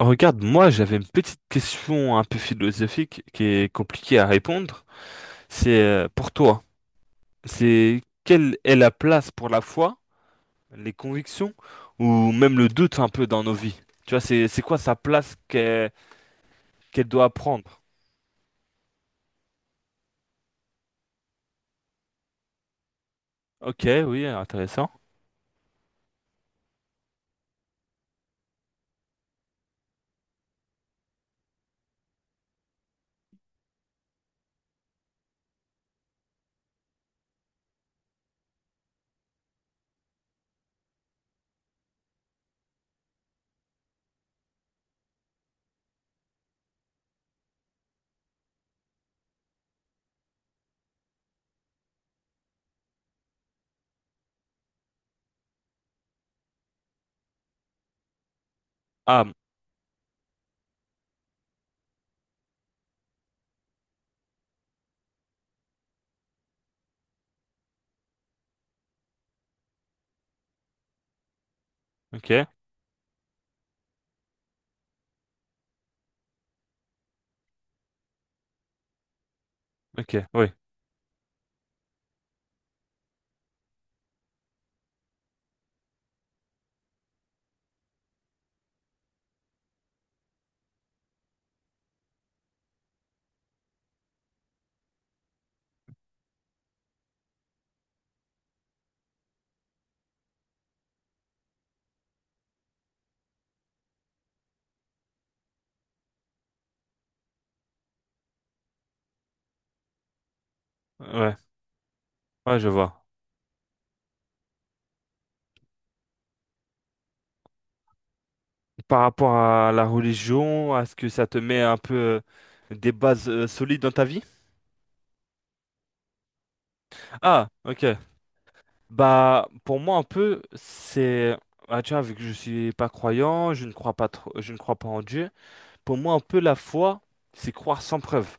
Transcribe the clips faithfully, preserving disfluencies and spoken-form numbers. Regarde, moi j'avais une petite question un peu philosophique qui est compliquée à répondre. C'est euh, pour toi, c'est quelle est la place pour la foi, les convictions ou même le doute un peu dans nos vies? Tu vois, c'est c'est quoi sa place qu'elle qu'elle doit prendre? Ok, oui, intéressant. Ah, ok, ok, oui, ouais, ouais, je vois. Par rapport à la religion, est-ce que ça te met un peu euh, des bases euh, solides dans ta vie? Ah, ok. Bah, pour moi, un peu, c'est... Ah, tu vois, vu que je suis pas croyant, je ne crois pas trop, je ne crois pas en Dieu. Pour moi, un peu, la foi, c'est croire sans preuve.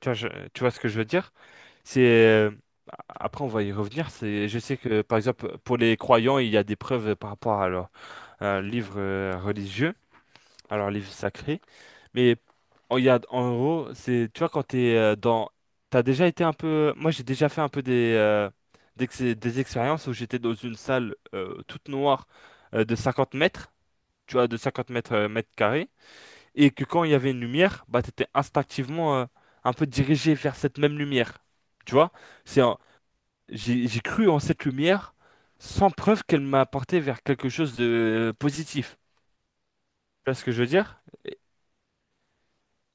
Tu vois, je- tu vois ce que je veux dire? C'est... Après, on va y revenir. C'est, je sais que, par exemple, pour les croyants, il y a des preuves par rapport à leur, un livre euh, religieux, à leur livre sacré. Mais en regarde, en gros, c'est, tu vois, quand t'es euh, dans... T'as déjà été un peu... Moi, j'ai déjà fait un peu des, euh, des, ex- des expériences où j'étais dans une salle euh, toute noire, euh, de cinquante mètres, tu vois, de cinquante mètres, euh, mètres carrés, et que quand il y avait une lumière, bah, t'étais instinctivement euh, un peu dirigé vers cette même lumière. Tu vois? C'est en- J'ai, j'ai cru en cette lumière sans preuve qu'elle m'a apporté vers quelque chose de euh, positif. Tu vois ce que je veux dire? Et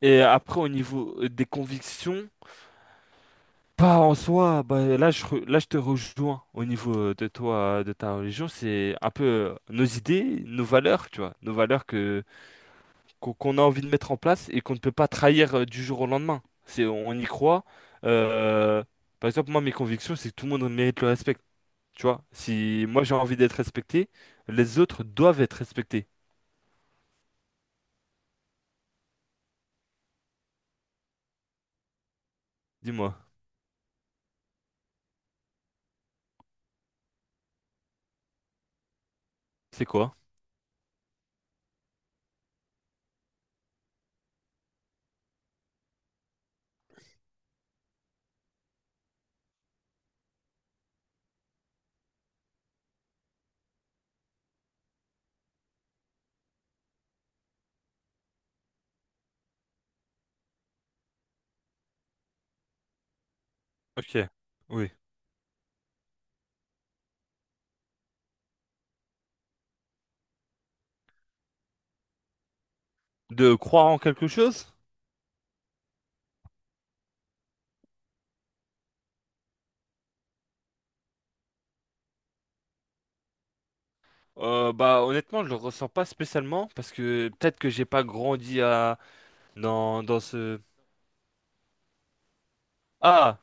et après, au niveau euh, des convictions... Pas en soi, bah, là, je, re- là je te rejoins au niveau euh, de toi, euh, de ta religion, c'est un peu euh, nos idées, nos valeurs, tu vois, nos valeurs que qu'on qu'on a envie de mettre en place et qu'on ne peut pas trahir euh, du jour au lendemain. C'est, on y croit. euh, Par exemple, moi, mes convictions, c'est que tout le monde mérite le respect, tu vois. Si moi j'ai envie d'être respecté, les autres doivent être respectés. Dis-moi, c'est quoi? Ok, oui. De croire en quelque chose? Euh, bah honnêtement je le ressens pas spécialement parce que peut-être que j'ai pas grandi à dans dans ce ah,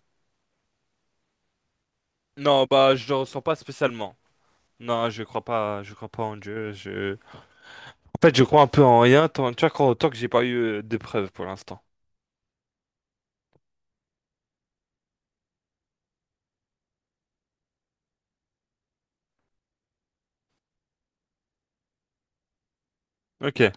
non, bah je le ressens pas spécialement non, je crois pas, je crois pas en Dieu, je en fait je crois un peu en rien tant tu vois quand- tant que j'ai pas eu euh, de preuves pour l'instant. Ok,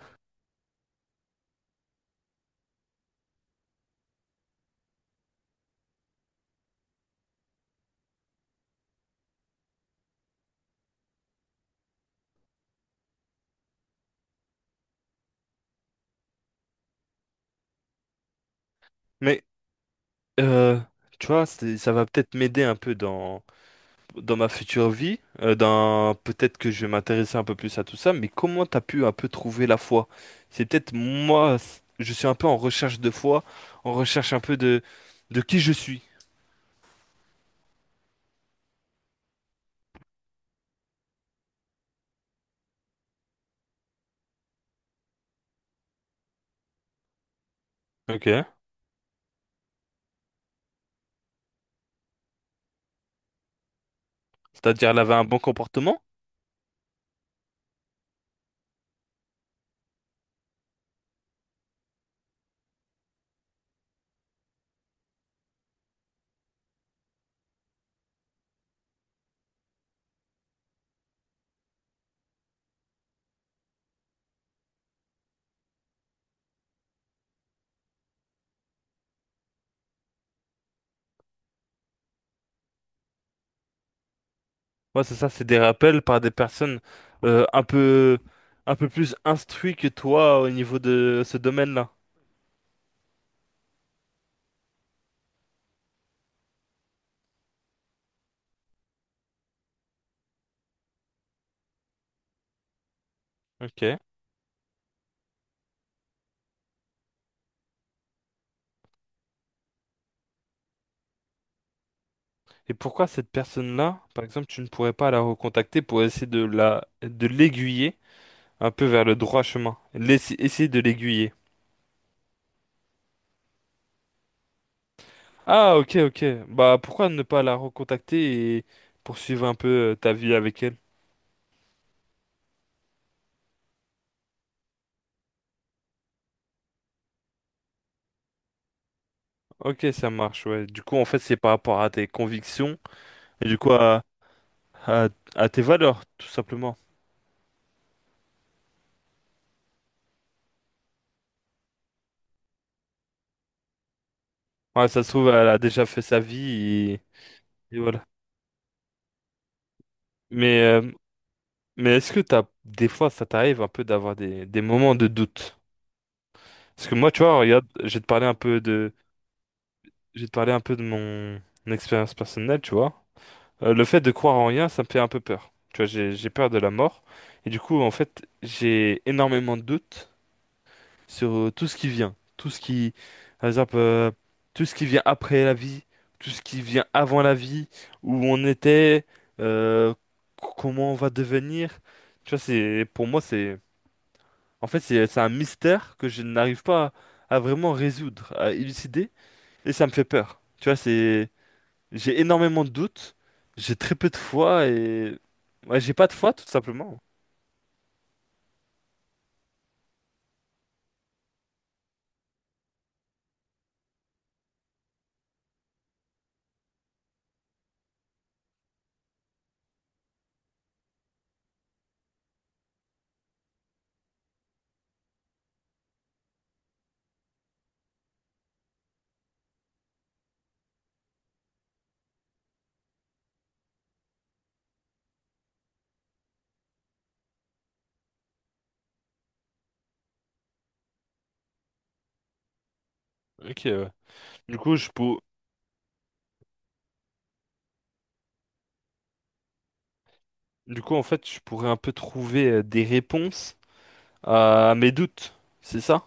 mais euh, tu vois c'est- ça va peut-être m'aider un peu dans dans ma future vie, euh, dans peut-être que je vais m'intéresser un peu plus à tout ça, mais comment t'as pu un peu trouver la foi? C'est peut-être moi, c- je suis un peu en recherche de foi, en recherche un peu de de qui je suis. Ok. C'est-à-dire, elle avait un bon comportement. Ouais, c'est ça, c'est des rappels par des personnes, euh, un peu un peu plus instruites que toi au niveau de ce domaine-là. Ok. Et pourquoi cette personne-là, par exemple, tu ne pourrais pas la recontacter pour essayer de la de l'aiguiller? Un peu vers le droit chemin. Laisse- essayez de l'aiguiller. Ah, ok, ok. Bah, pourquoi ne pas la recontacter et poursuivre un peu euh, ta vie avec elle? Ok, ça marche, ouais. Du coup, en fait, c'est par rapport à tes convictions et du coup à, à, à tes valeurs, tout simplement. Ouais, ça se trouve, elle a déjà fait sa vie et, et voilà. Mais, euh, mais est-ce que t'as, des fois, ça t'arrive un peu d'avoir des, des moments de doute? Parce que moi, tu vois, regarde, j'ai te parlé un peu de, j'ai te parlé un peu de mon expérience personnelle, tu vois. Euh, le fait de croire en rien, ça me fait un peu peur. Tu vois, j'ai j'ai peur de la mort. Et du coup, en fait, j'ai énormément de doutes sur euh, tout ce qui vient. Tout ce qui, par exemple, euh, tout ce qui vient après la vie, tout ce qui vient avant la vie, où on était, euh, c- comment on va devenir. Tu vois, c'est, pour moi, c'est, en fait, c'est c'est un mystère que je n'arrive pas à, à vraiment résoudre, à élucider. Et ça me fait peur. Tu vois, c'est j'ai énormément de doutes, j'ai très peu de foi et ouais, j'ai pas de foi tout simplement. Ok, ouais. Du coup, je pour... du coup, en fait, je pourrais un peu trouver euh, des réponses à mes doutes, c'est ça?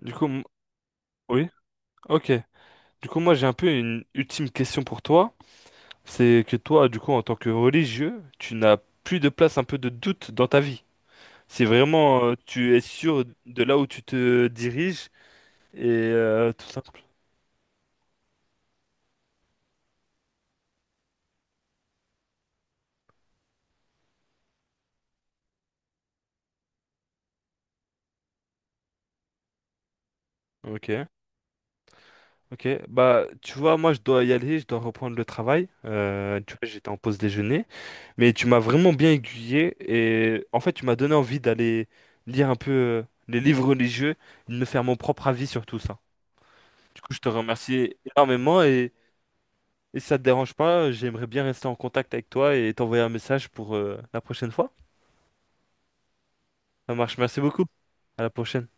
Du coup, m- oui, ok. Du coup, moi, j'ai un peu une ultime question pour toi. C'est que toi, du coup, en tant que religieux, tu n'as plus de place un peu de doute dans ta vie. C'est vraiment, euh, tu es sûr de là où tu te diriges et euh, tout simple. Ok. Ok, bah tu vois, moi je dois y aller, je dois reprendre le travail. Euh, tu vois, j'étais en pause déjeuner, mais tu m'as vraiment bien aiguillé et en fait tu m'as donné envie d'aller lire un peu euh, les livres religieux, et de me faire mon propre avis sur tout ça. Du coup, je te remercie énormément et, et si ça te dérange pas, j'aimerais bien rester en contact avec toi et t'envoyer un message pour euh, la prochaine fois. Ça marche, merci beaucoup. À la prochaine.